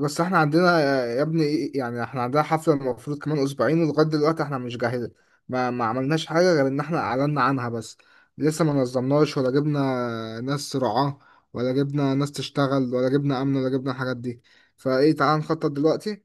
بس احنا عندنا يا ابني، يعني احنا عندنا حفلة المفروض كمان اسبوعين، ولغاية دلوقتي احنا مش جاهزين. ما عملناش حاجة غير ان احنا اعلنا عنها بس. لسه ما نظمناش ولا جبنا ناس رعاة، ولا جبنا ناس تشتغل، ولا جبنا امن، ولا جبنا الحاجات دي. فايه، تعال نخطط دلوقتي.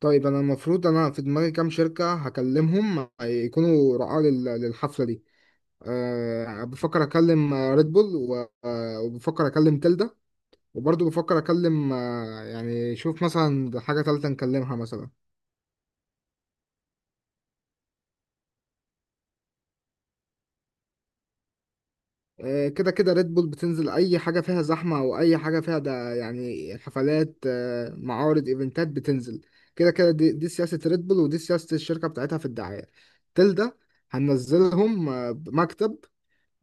طيب انا المفروض، انا في دماغي كام شركة هكلمهم يكونوا رعاة للحفلة دي. بفكر اكلم ريد بول، وبفكر اكلم تلدا، وبرضه بفكر اكلم، يعني شوف مثلا حاجة تالتة نكلمها مثلا. كده كده ريد بول بتنزل اي حاجة فيها زحمة او اي حاجة فيها ده، يعني حفلات، معارض، ايفنتات بتنزل. كده كده دي سياسة ريد بول، ودي سياسة الشركة بتاعتها في الدعاية. تل ده هننزلهم بمكتب.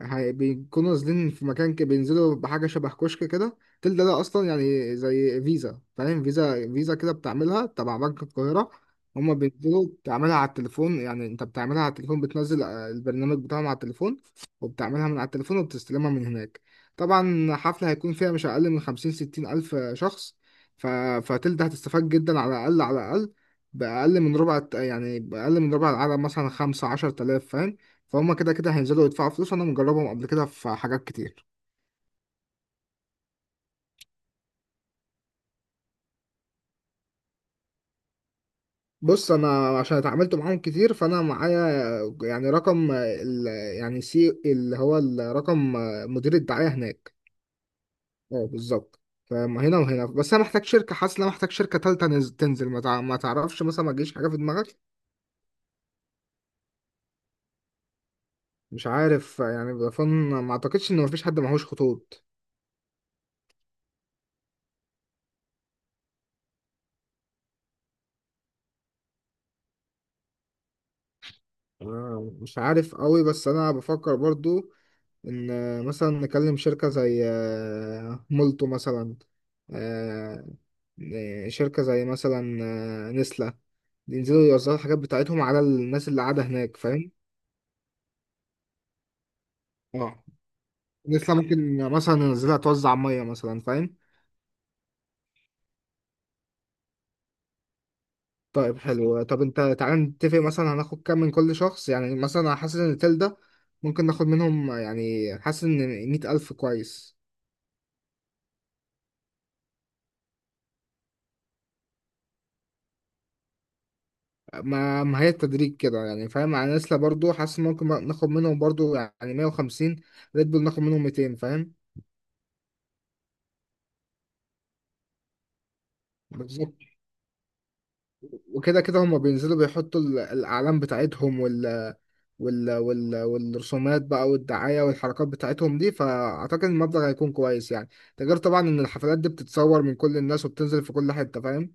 بيكونوا نازلين في مكان كده، بينزلوا بحاجة شبه كشك كده. تل ده أصلا يعني زي فيزا، فاهم؟ فيزا فيزا كده بتعملها تبع بنك القاهرة. هما بينزلوا بتعملها على التليفون، يعني أنت بتعملها على التليفون، بتنزل البرنامج بتاعهم على التليفون، وبتعملها من على التليفون، وبتستلمها من هناك. طبعا حفلة هيكون فيها مش أقل من خمسين ستين ألف شخص. ف... فتل ده هتستفاد جدا، على الأقل على الأقل، بأقل من ربع يعني بأقل من ربع العدد، مثلا خمسة عشر تلاف. فهم كده كده هينزلوا يدفعوا فلوس. انا مجربهم قبل كده في حاجات كتير. بص، انا عشان اتعاملت معاهم كتير فانا معايا، يعني رقم ال، يعني سي اللي هو الرقم، مدير الدعاية هناك. اه بالظبط. فما هنا وهنا، بس انا محتاج شركة. حاسس ان انا محتاج شركة تالتة تنزل. ما تعرفش مثلا، ما تجيش حاجة في دماغك؟ مش عارف يعني بفن، ما اعتقدش ان مفيش حد معهوش خطوط. مش عارف قوي، بس انا بفكر برضو ان مثلا نكلم شركة زي مولتو مثلا. آه، شركة زي مثلا نسلة. ينزلوا يوزعوا الحاجات بتاعتهم على الناس اللي قاعدة هناك، فاهم؟ اه، نسلة ممكن مثلا ننزلها توزع مية مثلا، فاهم؟ طيب حلو. طب انت تعالى نتفق مثلا هناخد كام من كل شخص. يعني مثلا أنا حاسس ان التل ده ممكن ناخد منهم، يعني حاسس ان مية ألف كويس. ما هي التدريج كده يعني، فاهم؟ يعني نسلا برضو حاسس ممكن ناخد منهم برضو يعني 150، ريد بول ناخد منهم 200، فاهم؟ بالظبط. وكده كده هما بينزلوا بيحطوا الاعلام بتاعتهم، وال والرسومات بقى، والدعايه، والحركات بتاعتهم دي. فاعتقد المبلغ هيكون كويس يعني. ده غير طبعا ان الحفلات دي بتتصور من كل الناس وبتنزل في كل حته، فاهم؟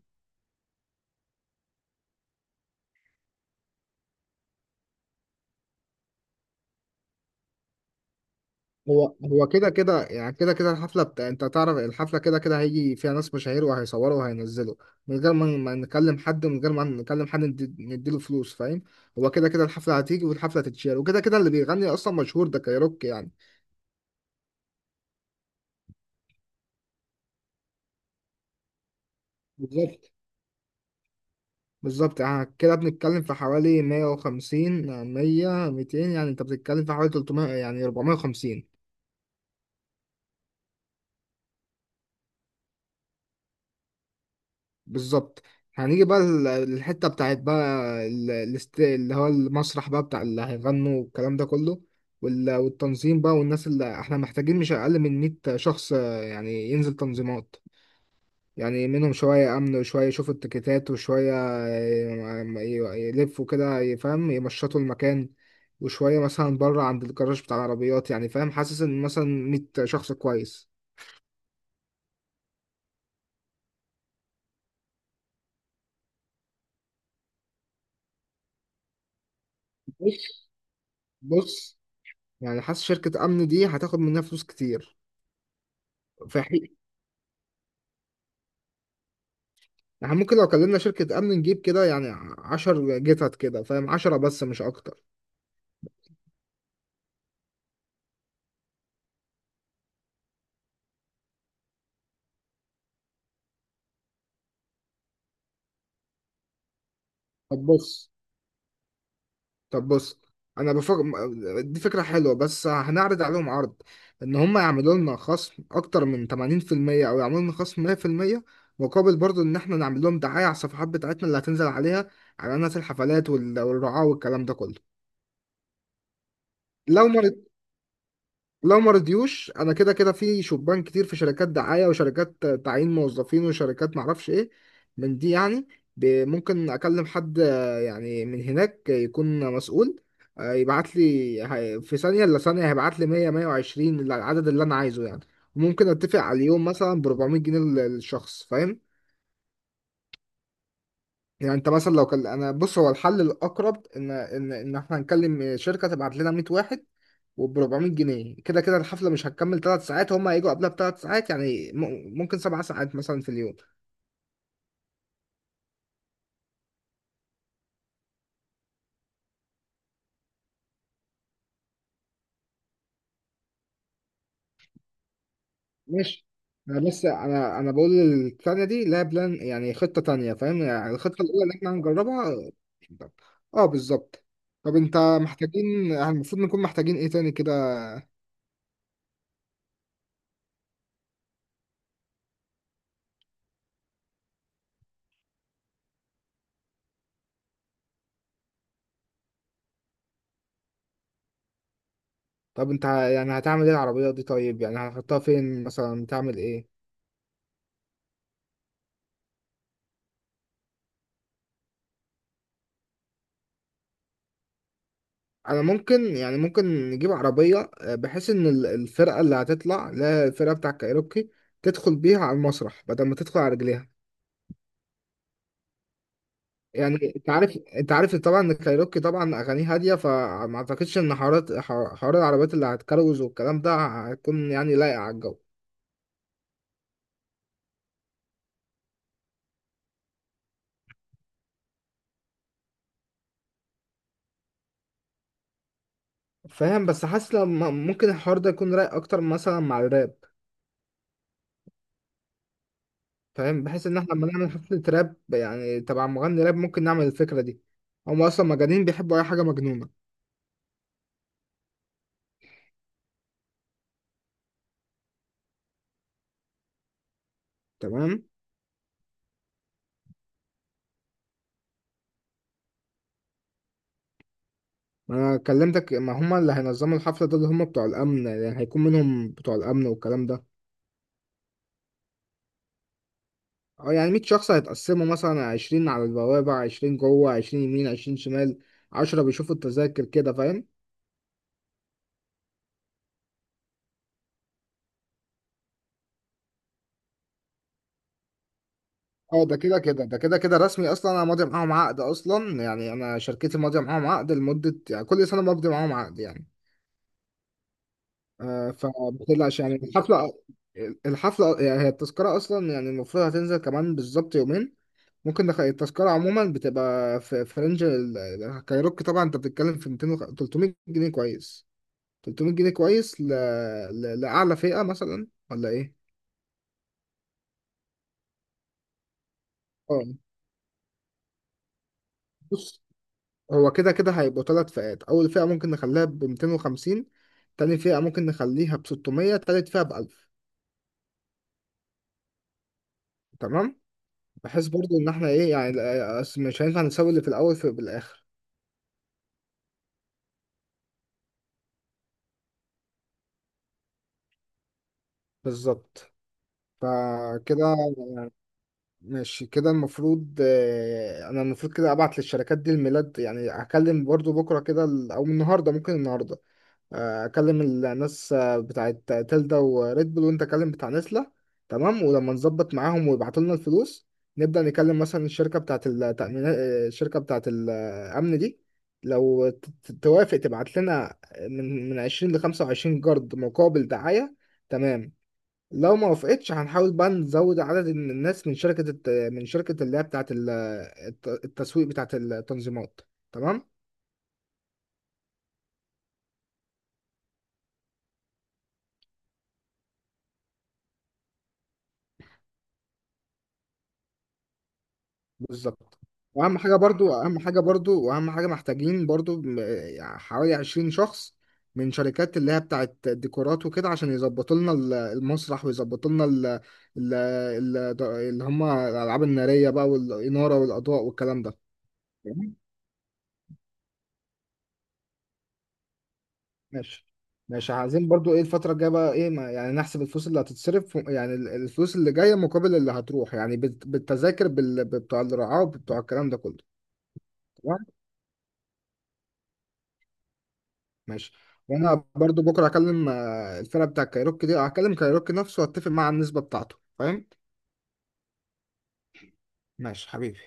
هو كده كده يعني، كده كده الحفلة بتاع، انت تعرف الحفلة كده كده هيجي فيها ناس مشاهير وهيصوروا وهينزلوا، من غير ما نكلم حد، من غير ما نكلم حد نديله فلوس، فاهم؟ هو كده كده الحفلة هتيجي والحفلة هتتشير، وكده كده اللي بيغني اصلا مشهور ده، كايروكي يعني. بالظبط. بالظبط، يعني كده بنتكلم في حوالي 150، 100، 200، يعني انت بتتكلم في حوالي 300، يعني 450. بالظبط. هنيجي بقى للحتة بتاعت بقى، اللي هو المسرح بقى بتاع اللي هيغنوا والكلام ده كله، والتنظيم بقى. والناس اللي احنا محتاجين مش أقل من 100 شخص، يعني ينزل تنظيمات، يعني منهم شوية أمن، وشوية يشوفوا التيكيتات، وشوية يلفوا كده يفهم، يمشطوا المكان، وشوية مثلا بره عند الجراج بتاع العربيات، يعني فاهم؟ حاسس إن مثلا 100 شخص كويس. بص، بص. يعني حاسس شركة أمن دي هتاخد منها فلوس كتير. في حين احنا ممكن لو كلمنا شركة أمن نجيب كده يعني عشر جتت كده، فاهم؟ عشرة بس مش أكتر. طب بص. طب بص. أنا بفكر، دي فكرة حلوة، بس هنعرض عليهم عرض إن هم يعملوا لنا خصم أكتر من تمانين في المية، أو يعملوا لنا خصم مية في المية، مقابل برضو إن احنا نعمل لهم دعاية على الصفحات بتاعتنا اللي هتنزل عليها، على الناس، الحفلات، والرعاة والكلام ده كله. لو ما لو ما رضيوش انا كده كده في شبان كتير في شركات دعايه، وشركات تعيين موظفين، وشركات معرفش ايه من دي يعني. ممكن اكلم حد يعني من هناك يكون مسؤول، يبعت لي، في ثانيه الا ثانيه هيبعت لي 100، 120، العدد اللي انا عايزه يعني. وممكن اتفق على اليوم مثلا ب 400 جنيه للشخص، فاهم؟ يعني انت مثلا لو كان انا، بص هو الحل الاقرب ان احنا نكلم شركه تبعت لنا 100 واحد وب 400 جنيه. كده كده الحفلة مش هتكمل ثلاث ساعات، هم هيجوا قبلها بثلاث ساعات، يعني ممكن سبع ساعات مثلا في اليوم. ماشي، انا بس انا بقول الثانية دي لها بلان، يعني خطة تانية، فاهم؟ يعني الخطة الأولى اللي احنا هنجربها. اه بالظبط. طب انت محتاجين، يعني المفروض نكون محتاجين ايه تاني كده؟ طب انت يعني هتعمل ايه العربية دي؟ طيب يعني هتحطها فين مثلا، تعمل ايه؟ انا ممكن، يعني ممكن نجيب عربيه بحيث ان الفرقه اللي هتطلع، اللي هي الفرقه بتاع الكايروكي، تدخل بيها على المسرح بدل ما تدخل على رجليها. يعني انت عارف، انت عارف طبعا ان الكايروكي طبعا اغانيه هاديه، فما اعتقدش ان حوارات حوار العربيات اللي هتكروز والكلام ده هيكون يعني لايق على الجو. فاهم، بس حاسس لما ممكن الحوار ده يكون رايق اكتر مثلا مع الراب، فاهم؟ بحيث ان احنا لما نعمل حفله راب يعني تبع مغني راب، ممكن نعمل الفكره دي. هم اصلا مجانين، بيحبوا اي حاجه مجنونه. تمام. انا كلمتك، ما هما اللي هينظموا الحفله ده اللي هما بتوع الامن، يعني هيكون منهم بتوع الامن والكلام ده. اه، يعني 100 شخص هيتقسموا مثلا 20 على البوابه، 20 جوه، 20 يمين، 20 شمال، 10 بيشوفوا التذاكر كده، فاهم؟ اه، ده كده كده، ده كده كده رسمي اصلا. انا ماضي معاهم عقد اصلا، يعني انا شركتي ماضيه معاهم عقد لمده، يعني كل سنه بمضي معاهم عقد يعني. آه فبتقلقش يعني الحفله، الحفله، يعني هي التذكره اصلا يعني المفروض هتنزل كمان بالظبط يومين. التذكرة عموما بتبقى في رينج كايروكي، طبعا انت بتتكلم في 200 300 جنيه كويس. 300 جنيه كويس لأعلى فئة مثلا ولا ايه؟ اه بص، هو كده كده هيبقوا ثلاث فئات. أول فئة ممكن نخليها ب 250، تاني فئة ممكن نخليها ب 600، تالت فئة ب 1000. تمام؟ بحيث برضو إن احنا ايه يعني، أصل مش هينفع نسوي اللي في الأول في بالآخر. بالظبط. فكده. ماشي كده، المفروض انا المفروض كده ابعت للشركات دي الميلاد. يعني هكلم برضو بكره كده او النهارده، ممكن النهارده اكلم الناس بتاعت تلدا وريد بول، وانت كلم بتاع نسله. تمام. ولما نظبط معاهم ويبعتوا لنا الفلوس، نبدا نكلم مثلا الشركه بتاعت التامينات، الشركه بتاعت الامن دي. لو توافق تبعت لنا من 20 ل 25 جرد مقابل دعايه. تمام. لو ما وافقتش هنحاول بقى نزود عدد الناس من شركة من شركة اللي هي بتاعة التسويق بتاعة التنظيمات. تمام. بالظبط. واهم حاجة برضو، اهم حاجة برضو، واهم حاجة محتاجين برضو يعني حوالي 20 شخص من شركات اللي هي بتاعة ديكورات وكده، عشان يظبطوا لنا المسرح، ويظبطوا لنا ال... اللي هم الألعاب النارية بقى، والإنارة، والأضواء، والكلام ده. ماشي. ماشي، عايزين برضو ايه الفترة الجاية بقى ايه، ما يعني نحسب الفلوس اللي هتتصرف، يعني الفلوس اللي جاية مقابل اللي هتروح، يعني بالتذاكر بتوع الرعاة وبتوع الكلام ده كله. تمام. ماشي. وانا برضو بكرة هكلم الفرقة بتاع كايروكي دي، هكلم كايروكي نفسه واتفق معاه على النسبة بتاعته، فاهم؟ ماشي حبيبي.